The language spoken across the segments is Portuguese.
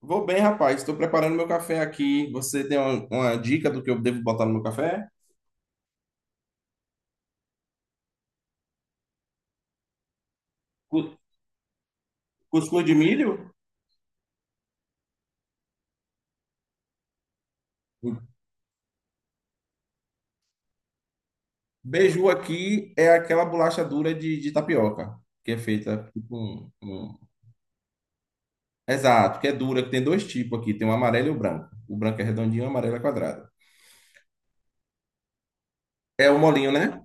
Vou bem, rapaz. Estou preparando meu café aqui. Você tem uma dica do que eu devo botar no meu café? Cu- Cuscuz de milho? Beiju aqui é aquela bolacha dura de tapioca, que é feita tipo com. Exato, que é dura, que tem dois tipos aqui. Tem o amarelo e o branco. O branco é redondinho, o amarelo é quadrado. É o molinho, né?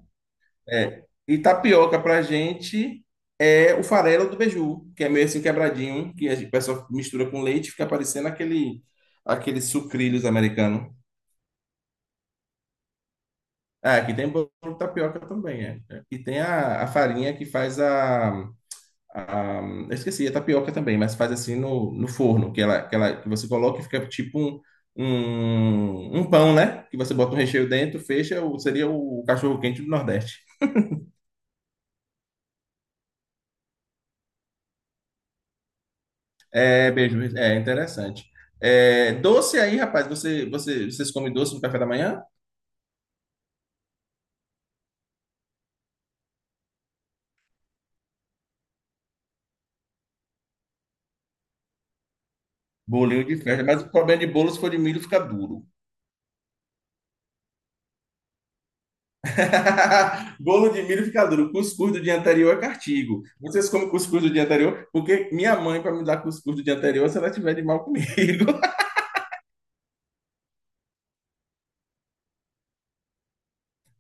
É. E tapioca pra gente é o farelo do beiju, que é meio assim quebradinho, que o pessoal mistura com leite e fica parecendo aquele, aqueles sucrilhos americanos. Ah, aqui tem bolo de tapioca também, é. É. E tem a farinha que faz a. Eu esqueci, a tapioca também, mas faz assim no forno, que ela, que você coloca e fica tipo um pão, né? Que você bota um recheio dentro, fecha, seria o cachorro-quente do Nordeste. É, beijo, é interessante. É, doce aí, rapaz, vocês comem doce no café da manhã? Bolinho de festa, mas o problema de bolo, se for de milho, fica duro. Bolo de milho fica duro. Cuscuz do dia anterior é cartigo. Vocês comem cuscuz do dia anterior? Porque minha mãe, para me dar cuscuz do dia anterior, se ela tiver de mal comigo.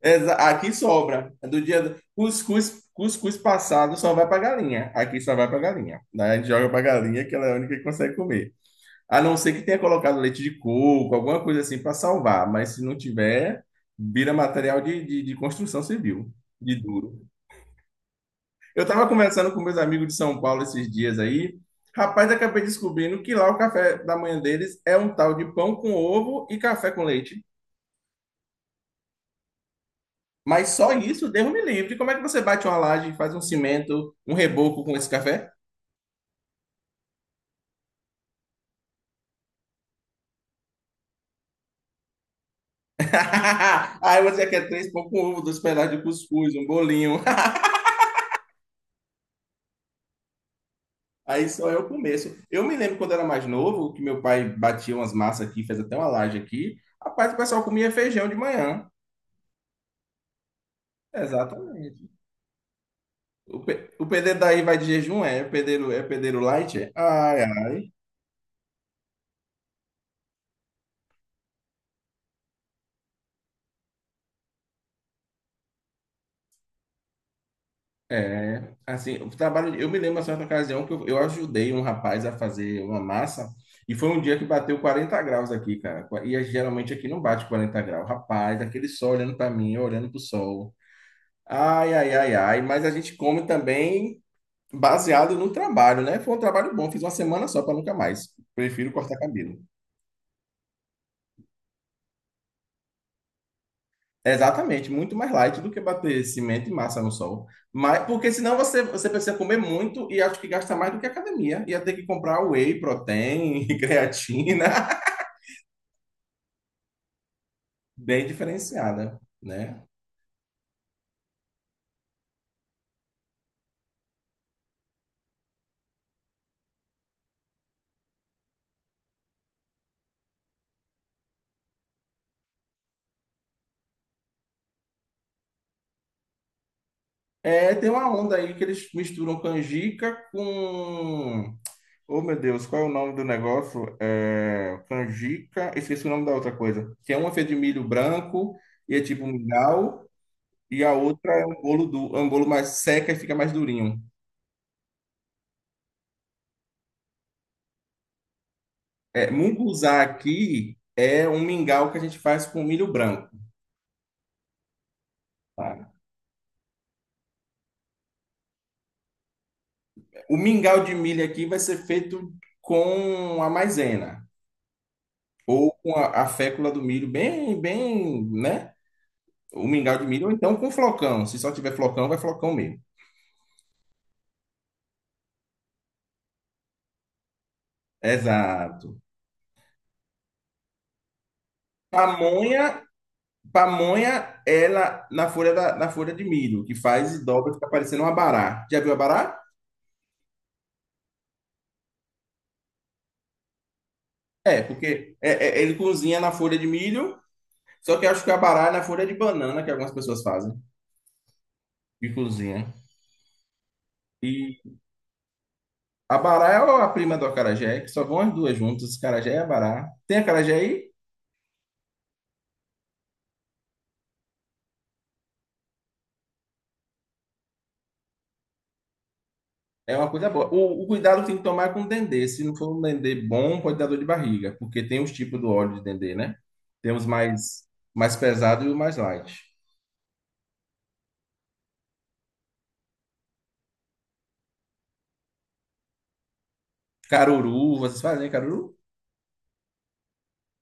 Aqui sobra. Cuscuz passado só vai para galinha. Aqui só vai para galinha, né? A gente joga para galinha, que ela é a única que consegue comer. A não ser que tenha colocado leite de coco, alguma coisa assim para salvar. Mas se não tiver, vira material de construção civil, de duro. Eu estava conversando com meus amigos de São Paulo esses dias aí. Rapaz, acabei descobrindo que lá o café da manhã deles é um tal de pão com ovo e café com leite. Mas só isso, Deus me livre. Como é que você bate uma laje, faz um cimento, um reboco com esse café? Aí você quer três pão com ovo, dois pedaços de cuscuz, um bolinho. Aí só é o começo. Eu me lembro quando era mais novo, que meu pai batia umas massas aqui, fez até uma laje aqui. Rapaz, o pessoal comia feijão de manhã. Exatamente. O pedreiro daí vai de jejum, é? O pedreiro, é pedreiro light? É? Ai, ai. É, assim, o trabalho. Eu me lembro, uma certa ocasião, que eu ajudei um rapaz a fazer uma massa, e foi um dia que bateu 40 graus aqui, cara. Geralmente aqui não bate 40 graus. Rapaz, aquele sol olhando para mim, eu olhando pro sol. Ai, ai, ai, ai. Mas a gente come também baseado no trabalho, né? Foi um trabalho bom, fiz uma semana só para nunca mais. Prefiro cortar cabelo. Exatamente, muito mais light do que bater cimento e massa no sol. Mas, porque senão você precisa comer muito e acho que gasta mais do que a academia. Ia ter que comprar whey protein, creatina, bem diferenciada, né? É, tem uma onda aí que eles misturam canjica com... Oh, meu Deus, qual é o nome do negócio? É, canjica, esqueci o nome da outra coisa. Que é uma feita de milho branco e é tipo um mingau, e a outra é um bolo, do, é um bolo mais seca e fica mais durinho. É, munguzá aqui é um mingau que a gente faz com milho branco. Tá? O mingau de milho aqui vai ser feito com a maisena ou com a fécula do milho, bem, bem, né? O mingau de milho, ou então com flocão. Se só tiver flocão, vai flocão mesmo. Exato. Pamonha, pamonha, ela na folha da, na folha de milho, que faz e dobra, fica parecendo um abará. Já viu abará? É, porque ele cozinha na folha de milho. Só que eu acho que a bará é na folha de banana que algumas pessoas fazem e cozinham. E a bará é a prima do acarajé, que só vão as duas juntas, acarajé e abará. Tem acarajé aí? É uma coisa boa. O cuidado que tem que tomar é com o dendê. Se não for um dendê bom, pode dar dor de barriga, porque tem os tipos do óleo de dendê, né? Temos mais mais pesado e o mais light. Caruru, vocês fazem caruru?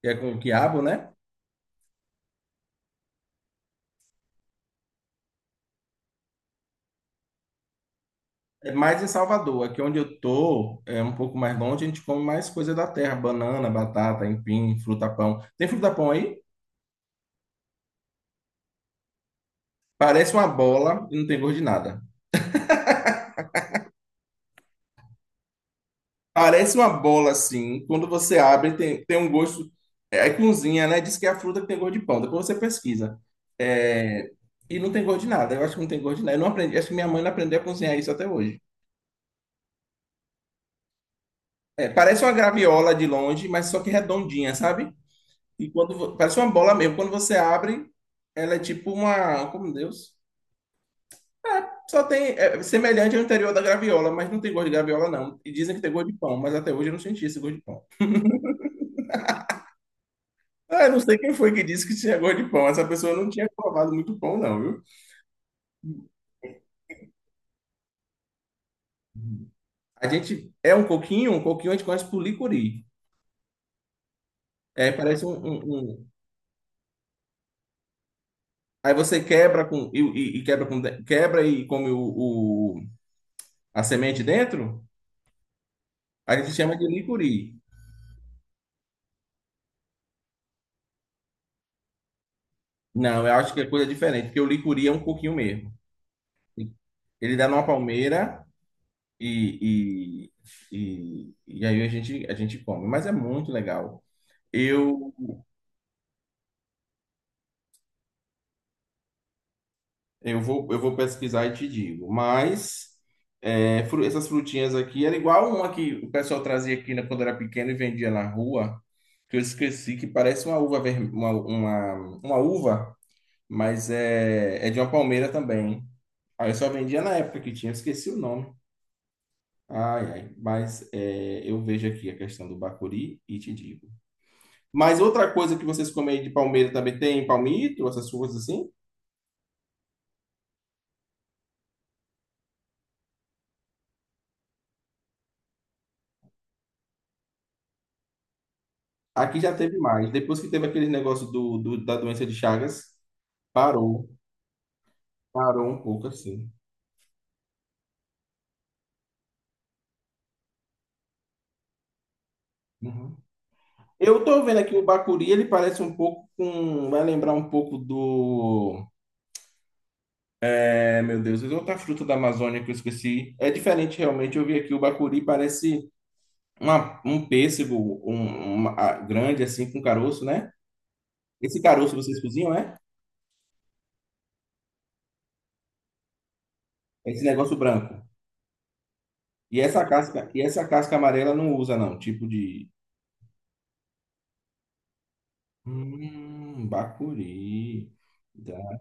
Que é com quiabo, né? É mais em Salvador, aqui onde eu tô, é um pouco mais longe, a gente come mais coisa da terra, banana, batata, empim, fruta-pão. Tem fruta-pão aí? Parece uma bola e não tem gosto de nada. Parece uma bola assim, quando você abre tem, tem um gosto, é, aí cozinha, né? Diz que é a fruta que tem gosto de pão, depois você pesquisa. É, e não tem gosto de nada, eu acho que não tem gosto de nada. Eu não aprendi, acho que minha mãe não aprendeu a cozinhar isso até hoje. É, parece uma graviola de longe, mas só que redondinha, sabe? E parece uma bola mesmo, quando você abre, ela é tipo uma, como Deus. Só tem é semelhante ao interior da graviola, mas não tem gosto de graviola não. E dizem que tem gosto de pão, mas até hoje eu não senti esse gosto de pão. Ah, eu não sei quem foi que disse que tinha gosto de pão. Essa pessoa não tinha provado muito pão não, viu? A gente é um coquinho a gente conhece por licuri. É, parece um. Aí você quebra com e quebra com de- quebra e come o- a semente dentro. A gente chama de licuri. Não, eu acho que é coisa diferente, porque o licuri é um coquinho mesmo. Ele dá numa palmeira e, e aí a gente come. Mas é muito legal. Eu, eu vou pesquisar e te digo. Mas é, essas frutinhas aqui era igual uma que o pessoal trazia aqui né, quando era pequeno e vendia na rua, que eu esqueci, que parece uma uva vermelha, uma uva, mas é de uma palmeira também. Aí eu só vendia na época que tinha, eu esqueci o nome. Ai, ai, mas é, eu vejo aqui a questão do Bacuri e te digo. Mas outra coisa que vocês comem aí de palmeira também, tem palmito, essas coisas assim? Aqui já teve mais. Depois que teve aquele negócio da doença de Chagas, parou, parou um pouco assim. Uhum. Eu tô vendo aqui o bacuri, ele parece um pouco com. Vai lembrar um pouco do. É, meu Deus, é outra fruta da Amazônia que eu esqueci. É diferente realmente. Eu vi aqui o bacuri, parece um pêssego grande assim, com caroço, né? Esse caroço vocês cozinham, né? É? Esse negócio branco. E essa casca amarela não usa, não. Tipo de. Bacuri. Da-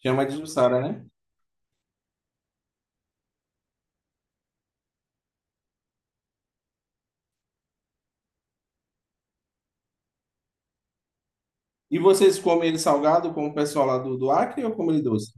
Chama de Jussara, né? E vocês comem ele salgado, como o pessoal lá do Acre, ou comem ele doce?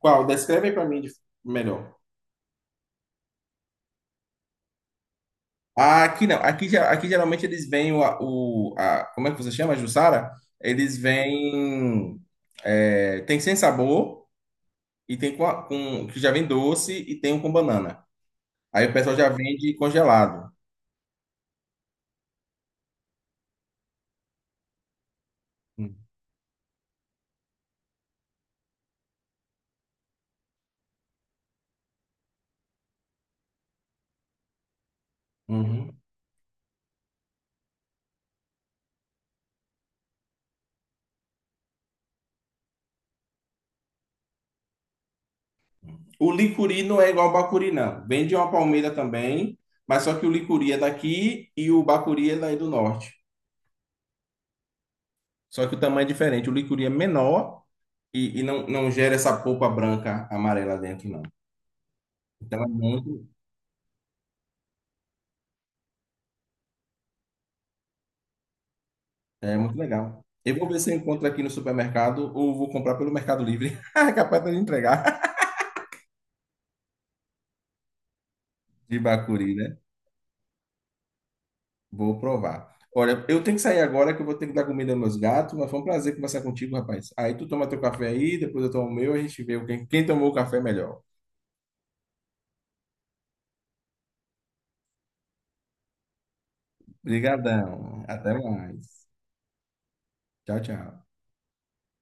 Qual? Descreve aí pra mim de- melhor. Ah, aqui não. Aqui, aqui geralmente eles vêm como é que você chama, jussara? Eles vêm, é, tem sem sabor e tem com, que já vem doce e tem um com banana. Aí o pessoal já vende congelado. Uhum. O licuri não é igual ao bacuri, não. Vende uma palmeira também, mas só que o licuri é daqui e o bacuri é daí do norte. Só que o tamanho é diferente. O licuri é menor e, não gera essa polpa branca amarela dentro, não. Então é muito legal. Eu vou ver se eu encontro aqui no supermercado ou vou comprar pelo Mercado Livre. Capaz de entregar de bacuri, né? Vou provar. Olha, eu tenho que sair agora que eu vou ter que dar comida aos meus gatos, mas foi um prazer conversar contigo, rapaz. Aí tu toma teu café aí, depois eu tomo o meu, a gente vê quem tomou o café melhor. Obrigadão. Até mais. Tchau, tchau.